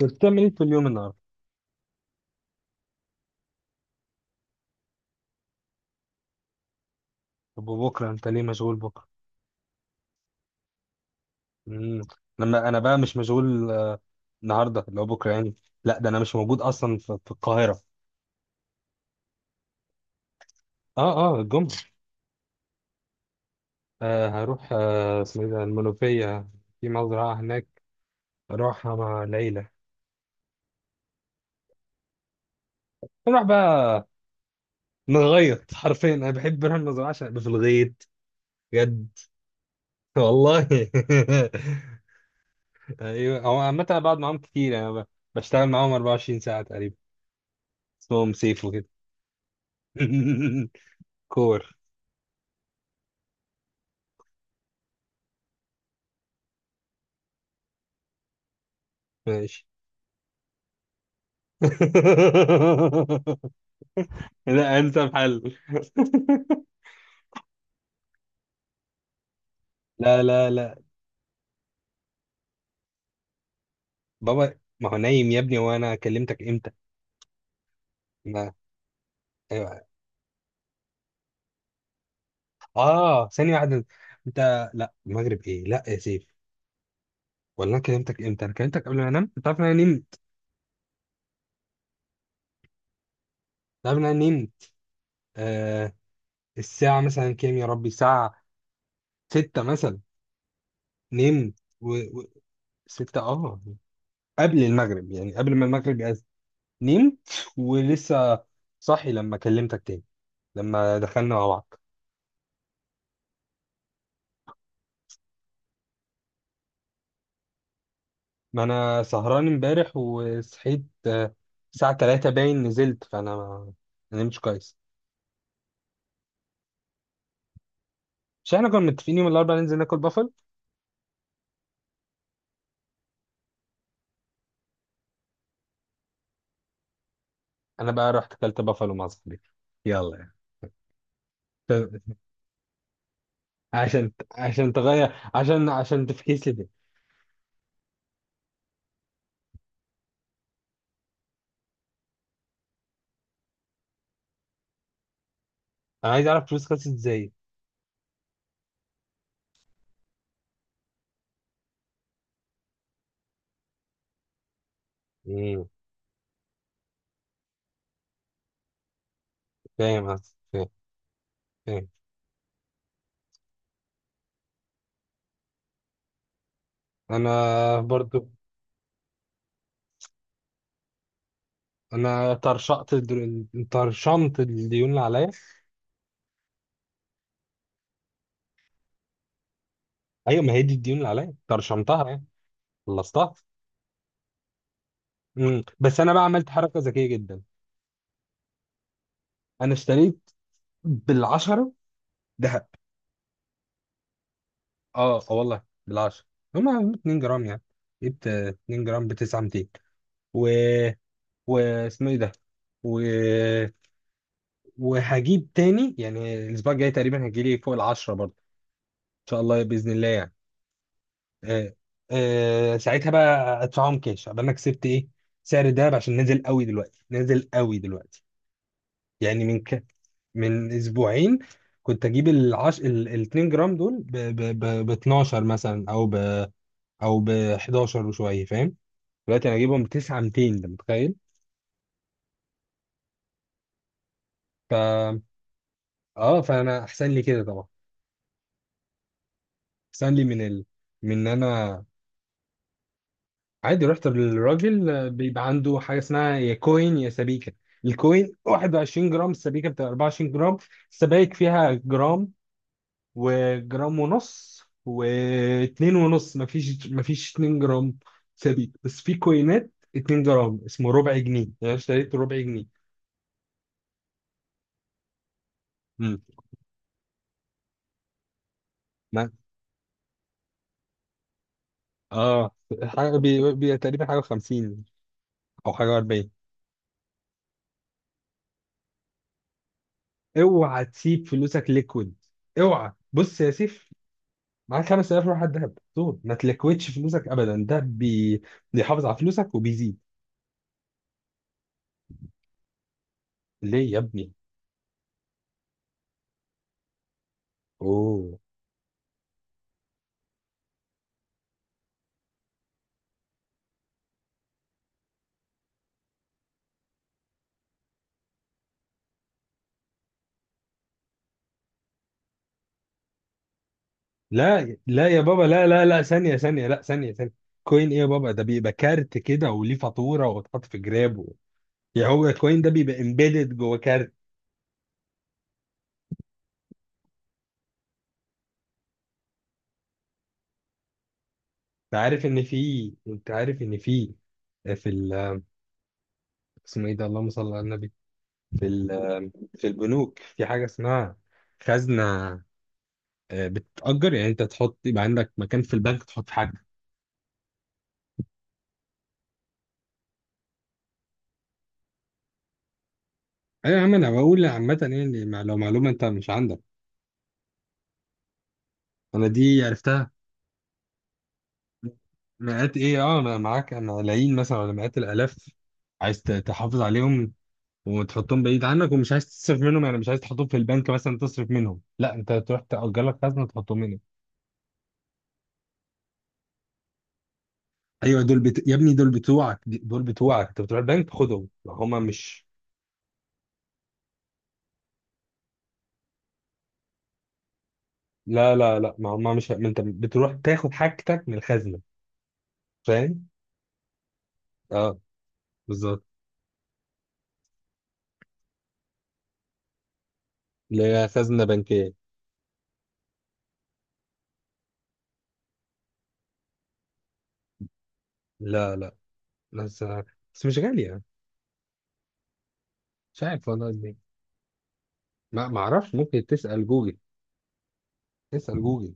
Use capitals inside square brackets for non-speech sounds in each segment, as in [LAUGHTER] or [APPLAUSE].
كنت بتعمل ايه في اليوم النهارده؟ طب وبكره انت ليه مشغول بكره؟ امم لما انا بقى مش مشغول النهارده اللي هو بكره يعني. لا ده انا مش موجود اصلا في القاهره. اه اه الجمعه. هروح اسمه ايه ده، المنوفيه. في مزرعه هناك، اروحها مع العيله. نروح بقى نغيط [LAUGHS] حرفيا انا بحب اروح المزرعه عشان ابقى في الغيط. بجد. [LAUGHS] والله [LAUGHS] ايوه، هو عامه أنا بقعد معاهم كتير يعني بشتغل معاهم 24 ساعه تقريبا. اسمهم سيف وكده. [LAUGHS] كور. ماشي. [LAUGHS] لا، انسب حل. [LAUGHS] لا لا لا. بابا ما هو نايم يا ابني، وانا كلمتك امتى؟ ما. ايوه. اه ثانية واحدة. انت لا المغرب ايه، لا يا سيف. ولا انا كلمتك امتى؟ انا كلمتك قبل ما انام، انت عارف ان انا نمت. انت عارف ان انا نمت. آه. الساعة مثلا كام يا ربي؟ الساعة ستة مثلا. نمت. و... و... ستة اه. قبل المغرب، يعني قبل ما المغرب يأذن. نمت، ولسه صاحي لما كلمتك تاني، لما دخلنا مع بعض. ما انا سهران امبارح، وصحيت الساعة 3 باين، نزلت، فانا ما، ما نمتش كويس. مش احنا كنا متفقين يوم الاربعاء ننزل ناكل بافل؟ انا بقى رحت اكلت بافل مع صاحبي. يلا يعني. ف- عشان عشان تغير، عشان تفكيس لي ده. انا عايز اعرف فلوس خلصت ازاي. مم، فاهم قصدي، فاهم. فاهم. انا. برضو، انا طرشمت الديون اللي عليا. ايوه، ما هي دي الديون اللي عليا، طرشمتها يعني، خلصتها. مم. بس انا بقى عملت حركه ذكيه جدا. انا اشتريت بالعشره دهب. اه اه والله، بالعشره. هما 2 جرام يعني. جبت 2 جرام ب 900، و، واسمه ايه ده، و... وهجيب تاني يعني الاسبوع الجاي، تقريبا هيجي لي فوق العشره برضه. ان شاء الله، باذن الله يعني. آه. آه. ساعتها بقى ادفعهم كاش، قبل انا كسبت ايه، سعر الدهب، عشان نازل قوي دلوقتي، نازل قوي دلوقتي. يعني من اسبوعين كنت اجيب ال 2 جرام دول ب 12 مثلا، او ب 11 وشويه، فاهم؟ دلوقتي انا اجيبهم ب 9 200، انت متخيل؟ ف اه، فانا احسن لي كده طبعا، احسن لي من ان انا. عادي، رحت للراجل بيبقى عنده حاجه اسمها يا كوين يا سبيكه. الكوين 21 جرام، السبيكه بتبقى 24 جرام. السبايك فيها جرام، وجرام ونص، واتنين ونص، مفيش اتنين جرام ثابت، بس في كوينات اتنين جرام، اسمه ربع جنيه، يعني أنا اشتريت ربع جنيه. امم ما اه، حاجة تقريبا حاجة وخمسين، أو حاجة وأربعين. اوعى تسيب فلوسك ليكويد. اوعى، بص يا سيف، معاك 5000 روح على الدهب. طول ما تلكوتش فلوسك ابدا، ده بيحافظ على فلوسك وبيزيد. ليه يا ابني؟ اوه. لا لا يا بابا، لا لا لا، ثانية ثانية، لا ثانية ثانية. كوين ايه يا بابا؟ ده بيبقى كارت كده، وليه فاتورة، وتحط في جراب و... يعني هو الكوين ده بيبقى امبيدد جوه كارت. انت عارف ان في في اسمه ايه ده، اللهم صل على النبي، في ال... في البنوك، في حاجة اسمها خزنة، بتتأجر. يعني انت تحط، يبقى عندك مكان في البنك تحط حاجة. ايوه يا عم، انا بقول عامة يعني لو معلومة انت مش عندك. انا دي عرفتها. مئات ايه؟ اه انا معاك، انا العين مثلا ولا مئات الالاف، عايز تحافظ عليهم، وتحطهم بعيد عنك، ومش عايز تصرف منهم، يعني مش عايز تحطهم في البنك مثلا تصرف منهم، لا، انت تروح تأجر لك خزنه تحطهم هنا. ايوه، يا ابني دول بتوعك، دول بتوعك، انت بتروح البنك خدهم، ما هما مش. لا لا لا، ما هما مش، ما انت بتروح تاخد حاجتك من الخزنه. فاهم. اه. بالظبط. اللي هي خزنه بنكيه. لا لا. بس، بس مش غاليه. مش عارف والله ليه. ما اعرفش، ممكن تسأل جوجل. اسأل جوجل.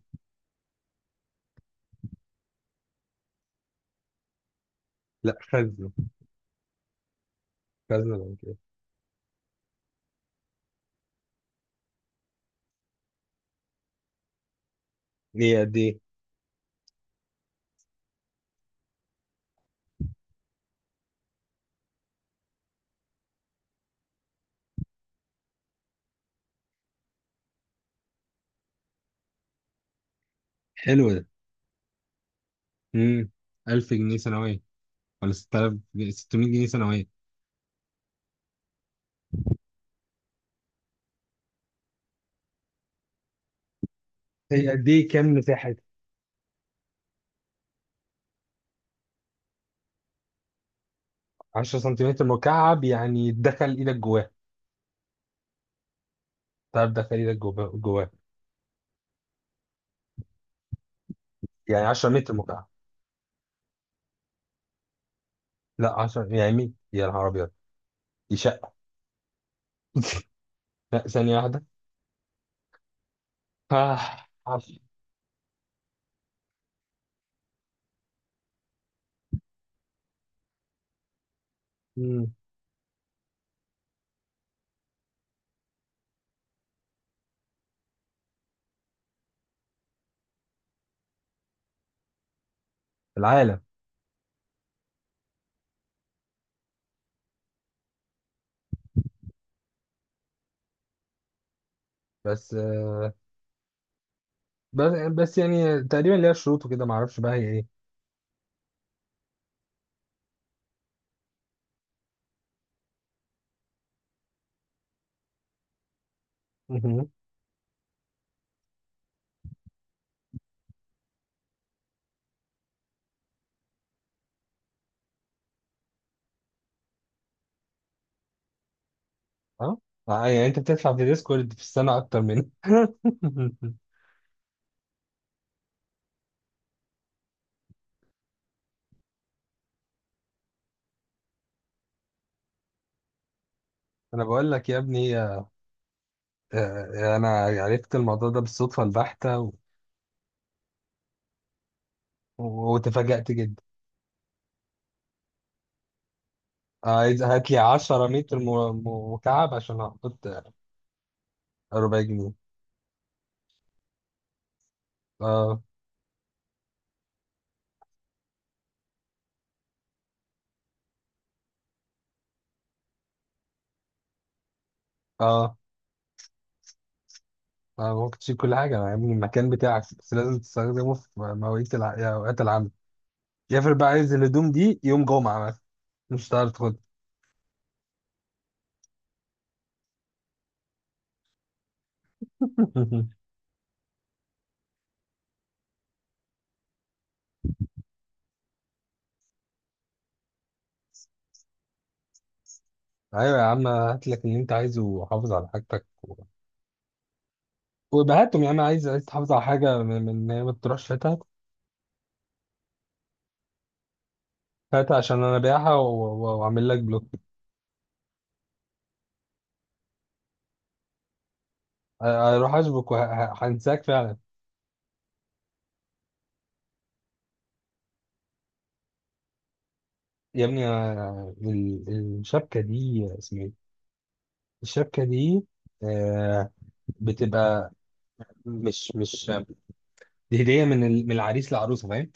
لا، خزنة. خزنة بنكية. ليه قد ايه؟ حلو ده. امم 1000 جنيه سنوية، ولا 6000 جنيه- 600 جنيه سنوية. هي قد ايه؟ كام مساحة؟ 10 سنتيمتر مكعب يعني دخل ايدك جواه، تعرف دخل ايدك جواه جواه؟ يعني 10 متر مكعب؟ لا 10، يعني 100، يا نهار ابيض. دي شقة. لا ثانية واحدة. آه. عارف. مم. العالم. بس بس بس يعني تقريبا ليها شروط وكده، ما اعرفش بقى هي ايه. مهم. اه. يعني انت بتدفع في ديسكورد في السنة اكتر مني. [LAUGHS] انا بقول لك يا ابني، انا عرفت الموضوع ده بالصدفه البحته، وتفاجأت جدا. عايز هات لي 10 متر مكعب عشان احط ربع جنيه. اه. اه. ممكن تشيل كل حاجه يا ابني، المكان بتاعك، بس لازم تستخدمه في مواعيد يا اوقات العمل. يفرق بقى، عايز الهدوم دي يوم جمعه مثلا، مش هتعرف تاخدها. [LAUGHS] ايوه يا عم، هات لك اللي انت عايزه، وحافظ على حاجتك، وبهاتهم. يا عم، عايز، عايز تحافظ على حاجه ان هي ما تروحش فاتها. هات عشان انا بايعها، واعمل لك بلوك. اروح اشبك وهنساك فعلا. يا ابني الشبكه دي اسمها ايه؟ الشبكه دي آه، بتبقى، مش دي هديه من من العريس للعروسه، فاهم؟